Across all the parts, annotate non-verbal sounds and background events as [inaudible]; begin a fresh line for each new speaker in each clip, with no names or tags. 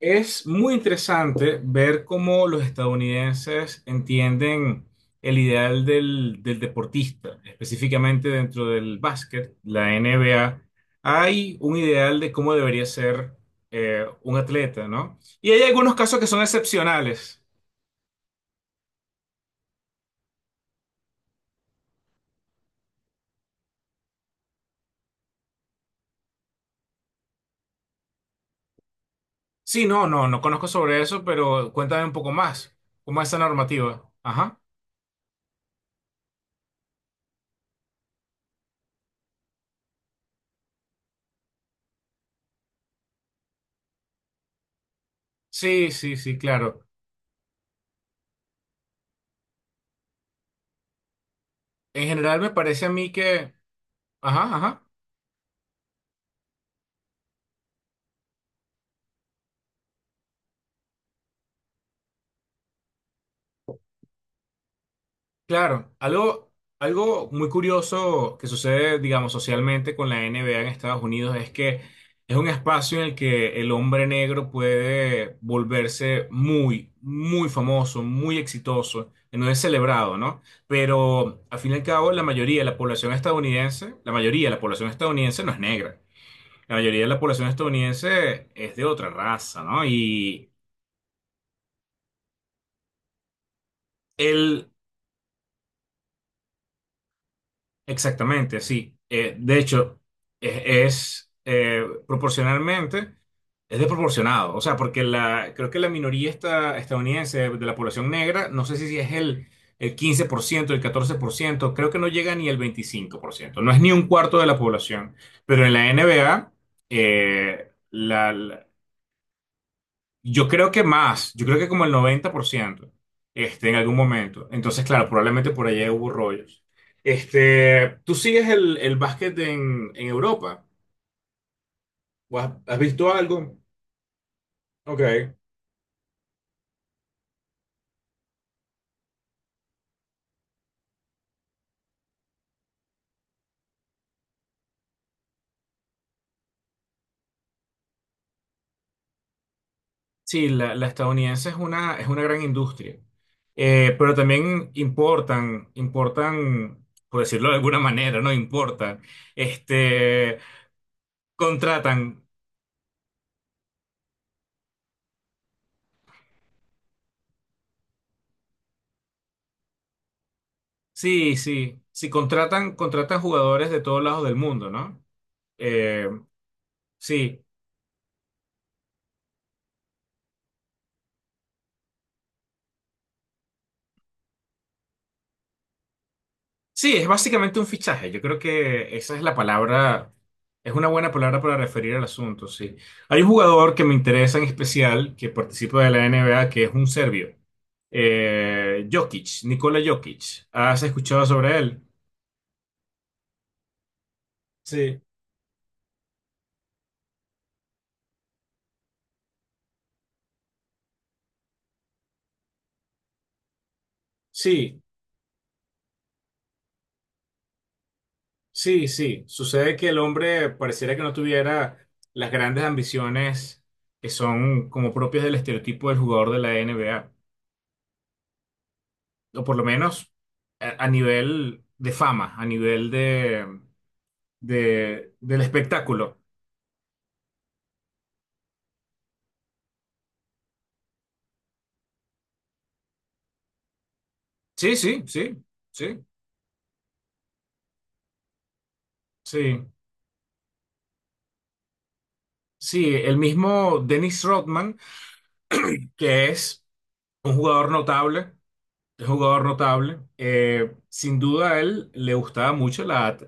Es muy interesante ver cómo los estadounidenses entienden el ideal del deportista, específicamente dentro del básquet, la NBA. Hay un ideal de cómo debería ser un atleta, ¿no? Y hay algunos casos que son excepcionales. Sí, no, no, no conozco sobre eso, pero cuéntame un poco más. ¿Cómo es esa normativa? Ajá. Sí, sí, sí, claro. En general me parece a mí que... Ajá, ajá. Claro, algo muy curioso que sucede, digamos, socialmente con la NBA en Estados Unidos es que es un espacio en el que el hombre negro puede volverse muy, muy famoso, muy exitoso, que no es celebrado, ¿no? Pero al fin y al cabo, la mayoría de la población estadounidense, la mayoría de la población estadounidense no es negra. La mayoría de la población estadounidense es de otra raza, ¿no? Y el Exactamente, sí. De hecho, proporcionalmente, es desproporcionado. O sea, porque la, creo que la minoría estadounidense de la población negra, no sé si es el 15%, el 14%, creo que no llega ni el 25%. No es ni un cuarto de la población. Pero en la NBA, yo creo que más, yo creo que como el 90% en algún momento. Entonces, claro, probablemente por allá hubo rollos. ¿Tú sigues el básquet en Europa? ¿O has visto algo? Ok. Sí, la estadounidense es una gran industria. Pero también importan, por decirlo de alguna manera, ¿no? Importan. Este, contratan, sí, sí, sí, contratan jugadores de todos lados del mundo, ¿no? Sí, sí, es básicamente un fichaje. Yo creo que esa es la palabra, es una buena palabra para referir al asunto, sí. Hay un jugador que me interesa en especial, que participa de la NBA, que es un serbio. Jokic, Nikola Jokic. ¿Has escuchado sobre él? Sí. Sí, sí, sí. Sucede que el hombre pareciera que no tuviera las grandes ambiciones que son como propias del estereotipo del jugador de la NBA. O por lo menos a nivel de fama, de, del espectáculo. Sí, sí, sí, sí, sí. Sí, el mismo Dennis Rodman, [clears throat] que es un jugador notable, es un jugador notable. Eh, sin duda a él le gustaba mucho.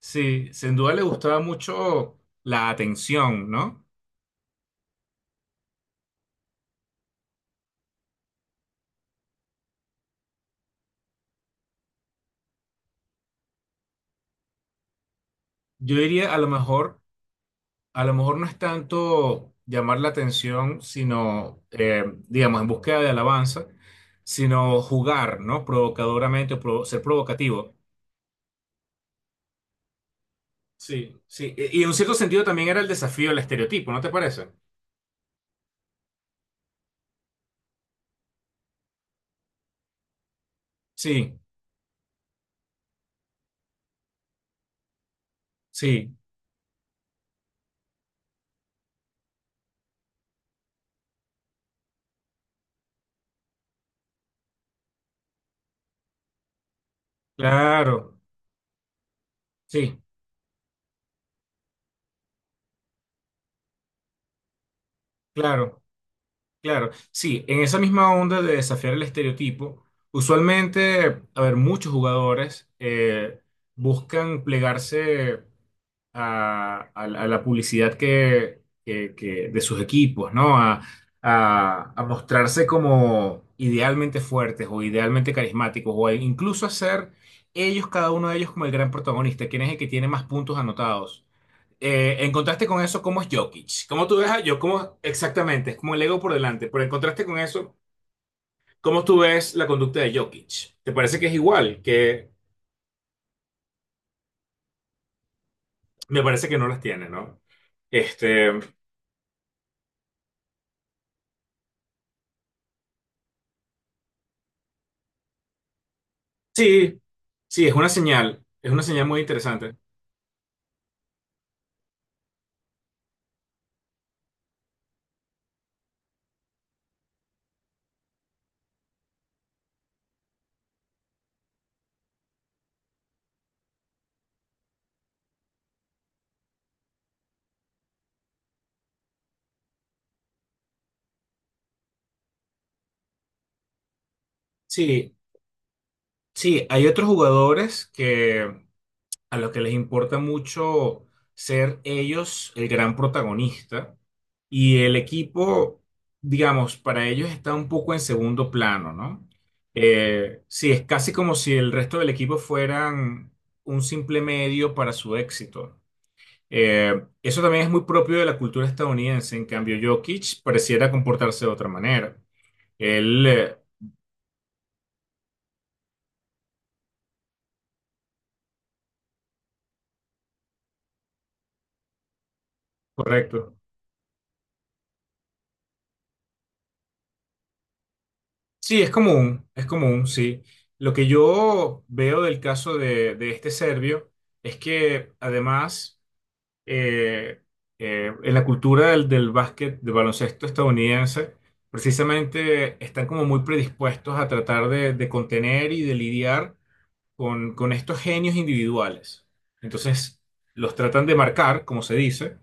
Sí, sin duda le gustaba mucho la atención, ¿no? Yo diría a lo mejor no es tanto llamar la atención, sino, digamos, en búsqueda de alabanza, sino jugar, ¿no? Provocadoramente, o ser provocativo. Sí, sí. Y en un cierto sentido también era el desafío, el estereotipo, ¿no te parece? Sí, sí, claro, sí, claro, claro. Sí, en esa misma onda de desafiar el estereotipo, usualmente, a ver, muchos jugadores buscan plegarse. A la publicidad de sus equipos, ¿no? A, a mostrarse como idealmente fuertes o idealmente carismáticos o a incluso a ser ellos, cada uno de ellos, como el gran protagonista, quién es el que tiene más puntos anotados. En contraste con eso, ¿cómo es Jokic? ¿Cómo tú ves a Jokic? Exactamente, es como el ego por delante, pero en contraste con eso, ¿cómo tú ves la conducta de Jokic? ¿Te parece que es igual? Que me parece que no las tiene, ¿no? Este, Sí, sí, es una señal muy interesante. Sí, sí, hay otros jugadores que a los que les importa mucho ser ellos el gran protagonista y el equipo, digamos, para ellos está un poco en segundo plano, ¿no? Sí, es casi como si el resto del equipo fueran un simple medio para su éxito. Eh, eso también es muy propio de la cultura estadounidense, en cambio Jokic pareciera comportarse de otra manera. Él, eh, Correcto. Sí, es común, sí. Lo que yo veo del caso de este serbio es que además eh, en la cultura del básquet, del baloncesto estadounidense, precisamente están como muy predispuestos a tratar de contener y de lidiar con estos genios individuales. Entonces, los tratan de marcar, como se dice,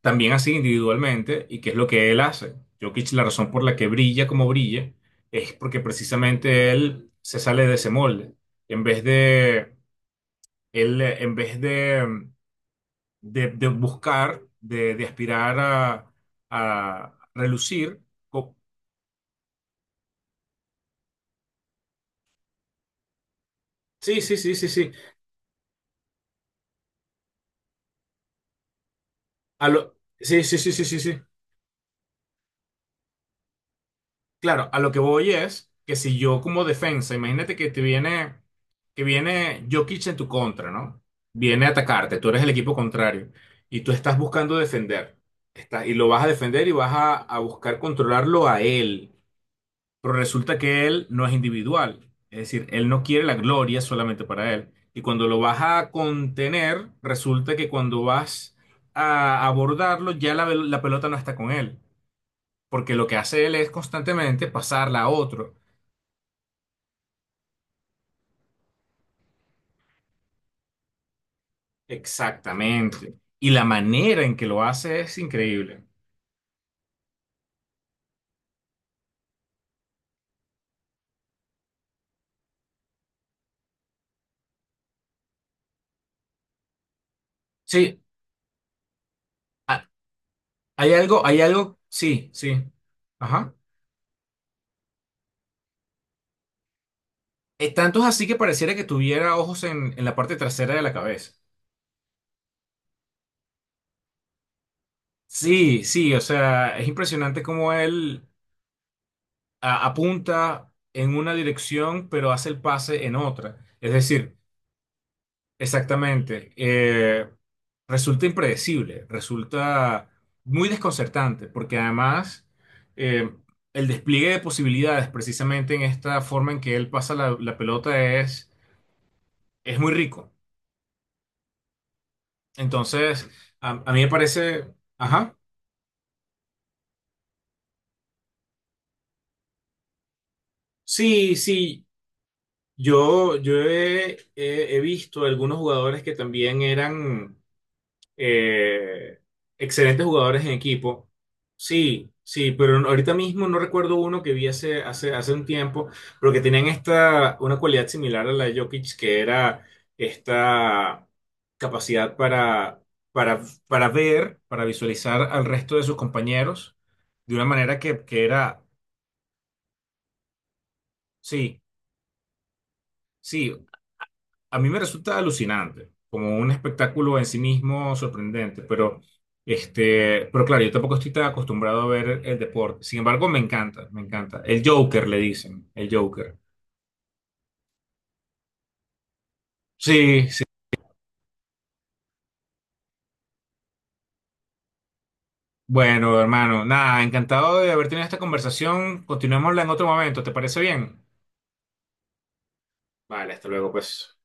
también así individualmente, y qué es lo que él hace. Jokic, la razón por la que brilla como brilla es porque precisamente él se sale de ese molde. En vez de, él, en vez de buscar, de aspirar a relucir, co- sí, sí, sí, sí, sí, sí, sí, sí, sí, sí, sí. Claro, a lo que voy es que si yo como defensa, imagínate que viene Jokic en tu contra, ¿no? Viene a atacarte, tú eres el equipo contrario y tú estás buscando defender, y lo vas a defender y vas a buscar controlarlo a él, pero resulta que él no es individual, es decir, él no quiere la gloria solamente para él. Y cuando lo vas a contener, resulta que cuando vas a abordarlo, ya la pelota no está con él, porque lo que hace él es constantemente pasarla a otro. Exactamente. Y la manera en que lo hace es increíble. Sí, ha- hay algo, sí, sí. Ajá. Tanto es así que pareciera que tuviera ojos en la parte trasera de la cabeza. Sí, sí, o sea, es impresionante cómo él apunta en una dirección, pero hace el pase en otra. Exactamente. Resulta impredecible, resulta muy desconcertante, porque además eh, el despliegue de posibilidades, precisamente en esta forma en que él pasa la pelota, es, muy rico. Entonces, a mí me parece, ajá, sí, sí, yo he visto algunos jugadores que también eran eh, excelentes jugadores en equipo. Sí, sí, pero ahorita mismo no recuerdo uno que vi hace un tiempo, pero que tenían una cualidad similar a la de Jokic, que era esta capacidad para, para ver, para visualizar al resto de sus compañeros de una manera que era, sí, sí, a mí me resulta alucinante, como un espectáculo en sí mismo sorprendente, pero claro, yo tampoco estoy tan acostumbrado a ver el deporte. Sin embargo, me encanta, me encanta. El Joker, le dicen, el Joker. Sí, sí. Bueno, hermano, nada, encantado de haber tenido esta conversación. Continuémosla en otro momento, ¿te parece bien? Vale, hasta luego, pues.